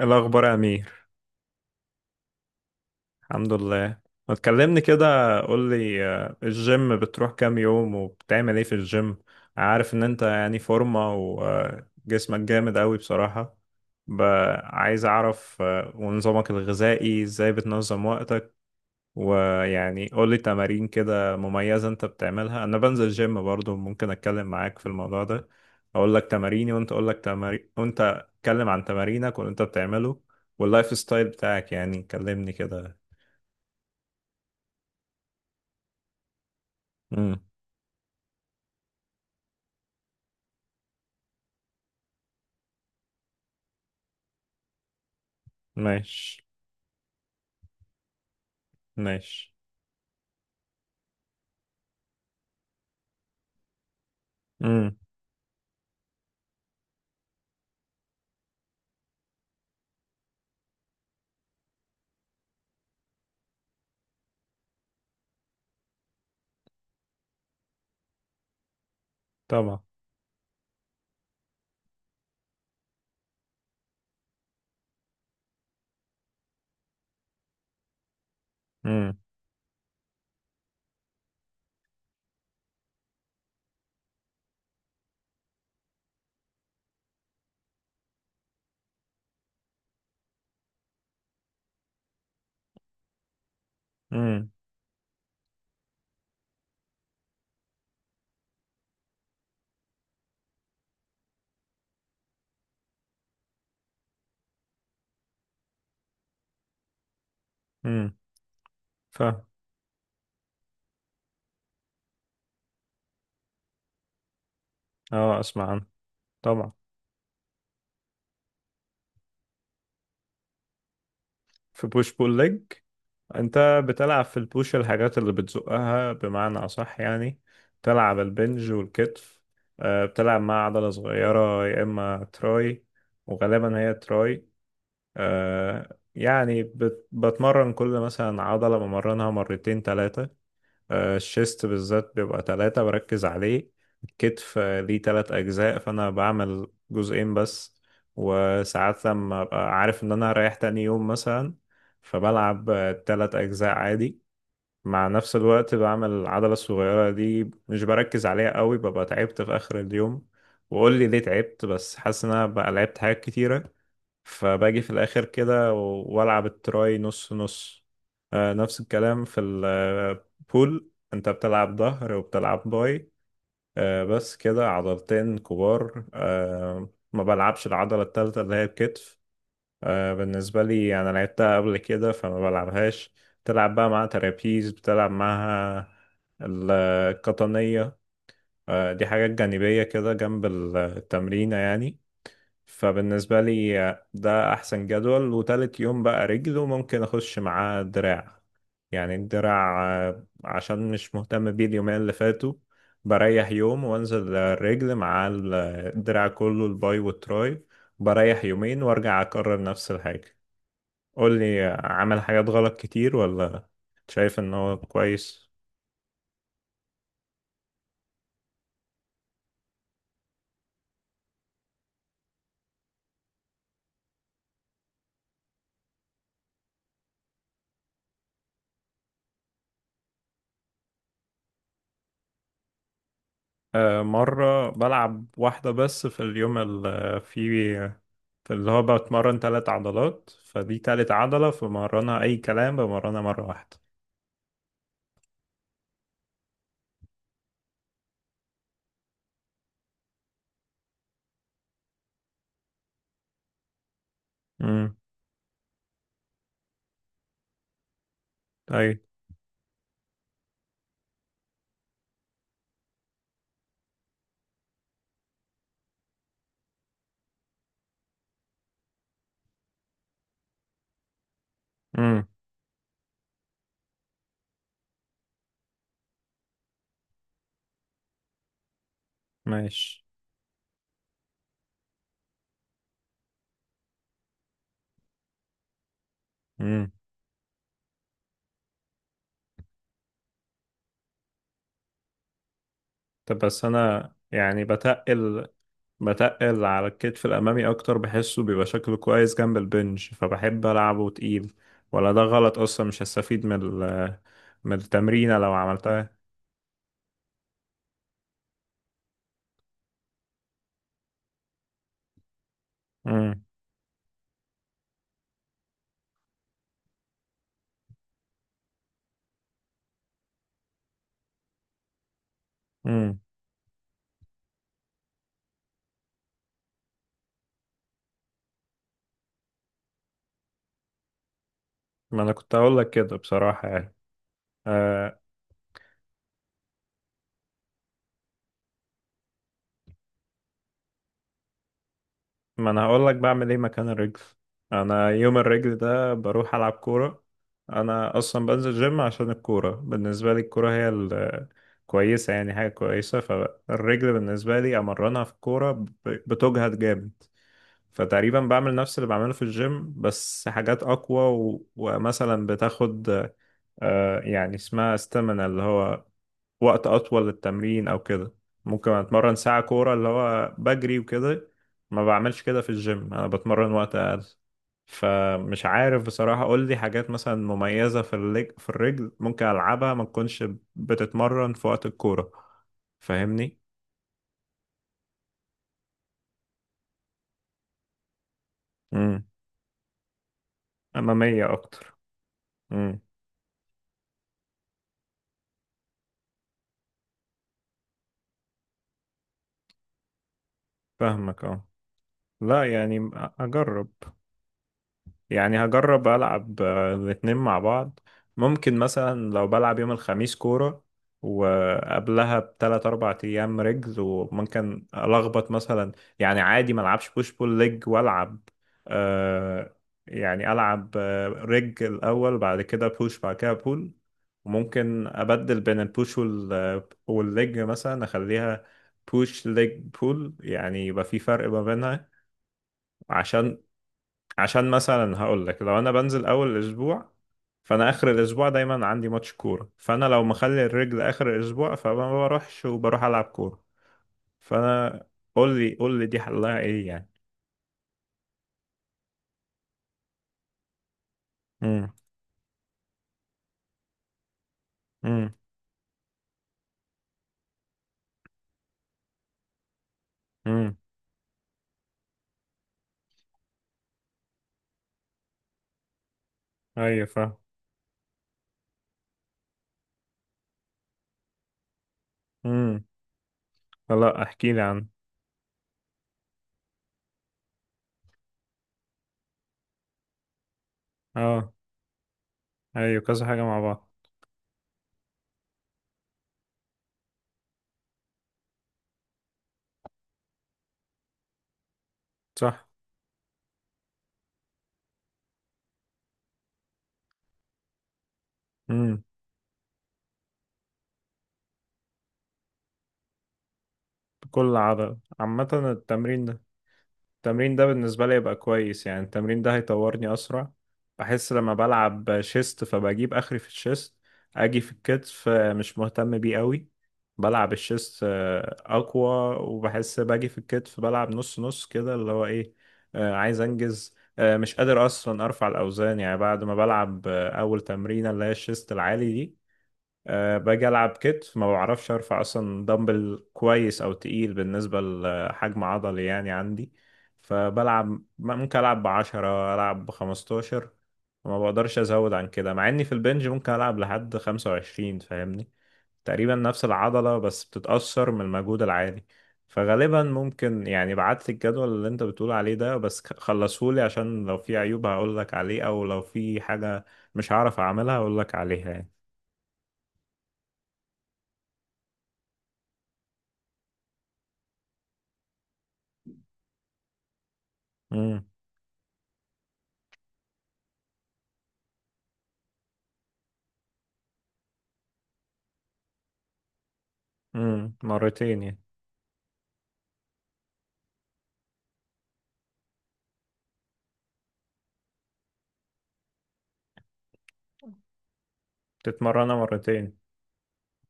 الأخبار يا أمير؟ الحمد لله. ما تكلمني كده، قول لي الجيم بتروح كام يوم وبتعمل ايه في الجيم؟ عارف ان انت يعني فورمة وجسمك جامد قوي بصراحة. ب- عايز اعرف، ونظامك الغذائي ازاي بتنظم. ويعني قولي تمارين كده مميزة انت بتعملها، انا بنزل جيم برضو ممكن اتكلم معاك في الموضوع ده. اقول لك تماريني وانت اقول لك تمارين وانت اتكلم عن تمارينك واللي انت بتعمله واللايف ستايل بتاعك، يعني كلمني كده. امم. ماشي. ماشي. امم. طبعا. امم. امم. امم. فاهم. اه اسمع عنه. طبعا. في بوش بول ليج انت بتلعب في البوش الحاجات اللي بتزقها بمعنى اصح، يعني تلعب البنج والكتف. بتلعب مع عضلة صغيرة يا اما تراي. وغالبا هي تراي. يعني بتمرن كل مثلا عضلة بمرنها مرتين تلاتة. الشيست بالذات بيبقى تلاتة بركز عليه. الكتف ليه تلات أجزاء فأنا بعمل جزئين بس. وساعات لما أبقى عارف إن أنا هريح تاني يوم مثلا فبلعب تلات أجزاء عادي. مع نفس الوقت بعمل العضلة الصغيرة دي، مش بركز عليها قوي، ببقى تعبت في آخر اليوم. وقول لي ليه تعبت؟ بس حاسس إن أنا بقى لعبت حاجات كتيرة فباجي في الاخر كده والعب التراي نص نص. نفس الكلام في البول انت بتلعب ظهر وبتلعب باي. بس كده عضلتين كبار. ما بلعبش العضلة التالتة اللي هي الكتف. بالنسبة لي أنا لعبتها قبل كده فما بلعبهاش. بتلعب بقى مع ترابيز بتلعب معها القطنية. دي حاجات جانبية كده جنب التمرينة يعني. فبالنسبة لي ده أحسن جدول. وتالت يوم بقى رجل، وممكن أخش معاه دراع، يعني الدراع عشان مش مهتم بيه اليومين اللي فاتوا. بريح يوم وأنزل الرجل مع الدراع كله، الباي والتراي. بريح يومين وأرجع أكرر نفس الحاجة. قول لي عمل حاجات غلط كتير، ولا شايف إن هو كويس؟ مرة بلعب واحدة بس في اليوم اللي فيه. فاللي هو بتمرن تلات عضلات فدي تالت عضلة فبمرنها أي كلام بمرنها مرة واحدة. امم. أي. امم. ماشي. امم. طب بس أنا يعني بتقل. بتقل على الكتف الأمامي أكتر، بحسه بيبقى شكله كويس جنب البنج فبحب ألعبه تقيل. ولا ده غلط أصلا مش هستفيد من ال من التمرينة لو عملتها؟ امم. امم. ما أنا كنت هقول لك كده بصراحة يعني. آه، ما انا هقول لك بعمل ايه مكان الرجل. انا يوم الرجل ده بروح العب كوره. انا اصلا بنزل جيم عشان الكوره، بالنسبه لي الكوره هي كويسه، يعني حاجه كويسه. فالرجل بالنسبه لي امرنها في الكوره، بتجهد جامد. فتقريبا بعمل نفس اللي بعمله في الجيم بس حاجات اقوى ومثلا بتاخد يعني اسمها استامينا، اللي هو وقت أطول للتمرين أو كده. ممكن أتمرن ساعة كورة اللي هو بجري وكده. ما بعملش كده في الجيم، أنا بتمرن وقت أقل. فمش عارف بصراحة. قول لي حاجات مثلا مميزة في في الرجل ممكن ألعبها ما تكونش بتتمرن في وقت الكورة، فاهمني؟ امم. أمامية أكتر. امم. فاهمك اه. لا يعني أجرب. يعني هجرب ألعب الاتنين مع بعض. ممكن مثلا لو بلعب يوم الخميس كورة، وقبلها بتلات 4 أيام رجل، وممكن ألخبط مثلا. يعني عادي، ما ألعبش بوش بول ليج وألعب آه يعني ألعب، الأول، بعد كده بوش بعد كده بول. وممكن أبدل بين البوش والليج مثلا، أخليها بوش ليج بول يعني يبقى في فرق ما بينها. عشان عشان مثلا هقول لك، لو انا بنزل اول الاسبوع، فانا اخر الاسبوع دايما عندي ماتش كوره، فانا لو مخلي الرجل اخر الاسبوع فما بروحش وبروح العب كوره، فانا. قول لي قول لي، دي حلها ايه يعني؟ امم. امم. امم. ايوه فاهم. امم. لا احكي لي عن. اه ايوه كذا حاجه مع بعض. صح. امم. بكل عضله عامه التمرين. التمرين ده بالنسبة لي يبقى كويس، يعني التمرين ده هيطورني أسرع. بحس لما بلعب شيست فبجيب آخري في الشيست. أجي في الكتف، مش مهتم بيه قوي. بلعب الشيست أقوى، وبحس باجي في الكتف بلعب نص نص كده اللي هو إيه. عايز أنجز. مش قادر أصلا أرفع الأوزان، يعني بعد ما بلعب أول تمرينة اللي هي الشيست العالي دي. أه باجي ألعب كتف ما بعرفش أرفع أصلا دمبل كويس أو تقيل بالنسبة لحجم عضلي يعني عندي. فبلعب، ممكن ألعب بـ10، ألعب بـ15. وما بقدرش أزود عن كده، مع إني في البنج ممكن ألعب لحد 25، فاهمني. تقريبا نفس العضلة بس بتتأثر من المجهود العالي. فغالبا ممكن يعني بعت لي الجدول اللي انت بتقول عليه ده بس خلصهولي، عشان لو في عيوب هقول لك عليه، او لو في حاجة مش هعرف اعملها هقول لك عليها يعني. امم. مرتين يعني. تتمرنها مرتين.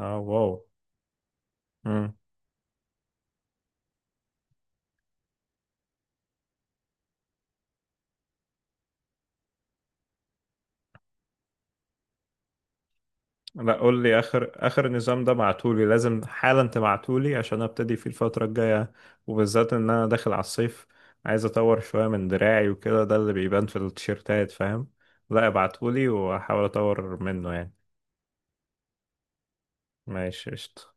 اه واو. امم. لا قول لي اخر اخر نظام ده بعتولي، لازم حالا تبعتولي عشان ابتدي فيه الفترة الجاية. وبالذات ان انا داخل على الصيف، عايز اطور شوية من دراعي وكده، ده اللي بيبان في التيشيرتات فاهم. لا ابعتولي واحاول اطور منه يعني. ماشي قشطة.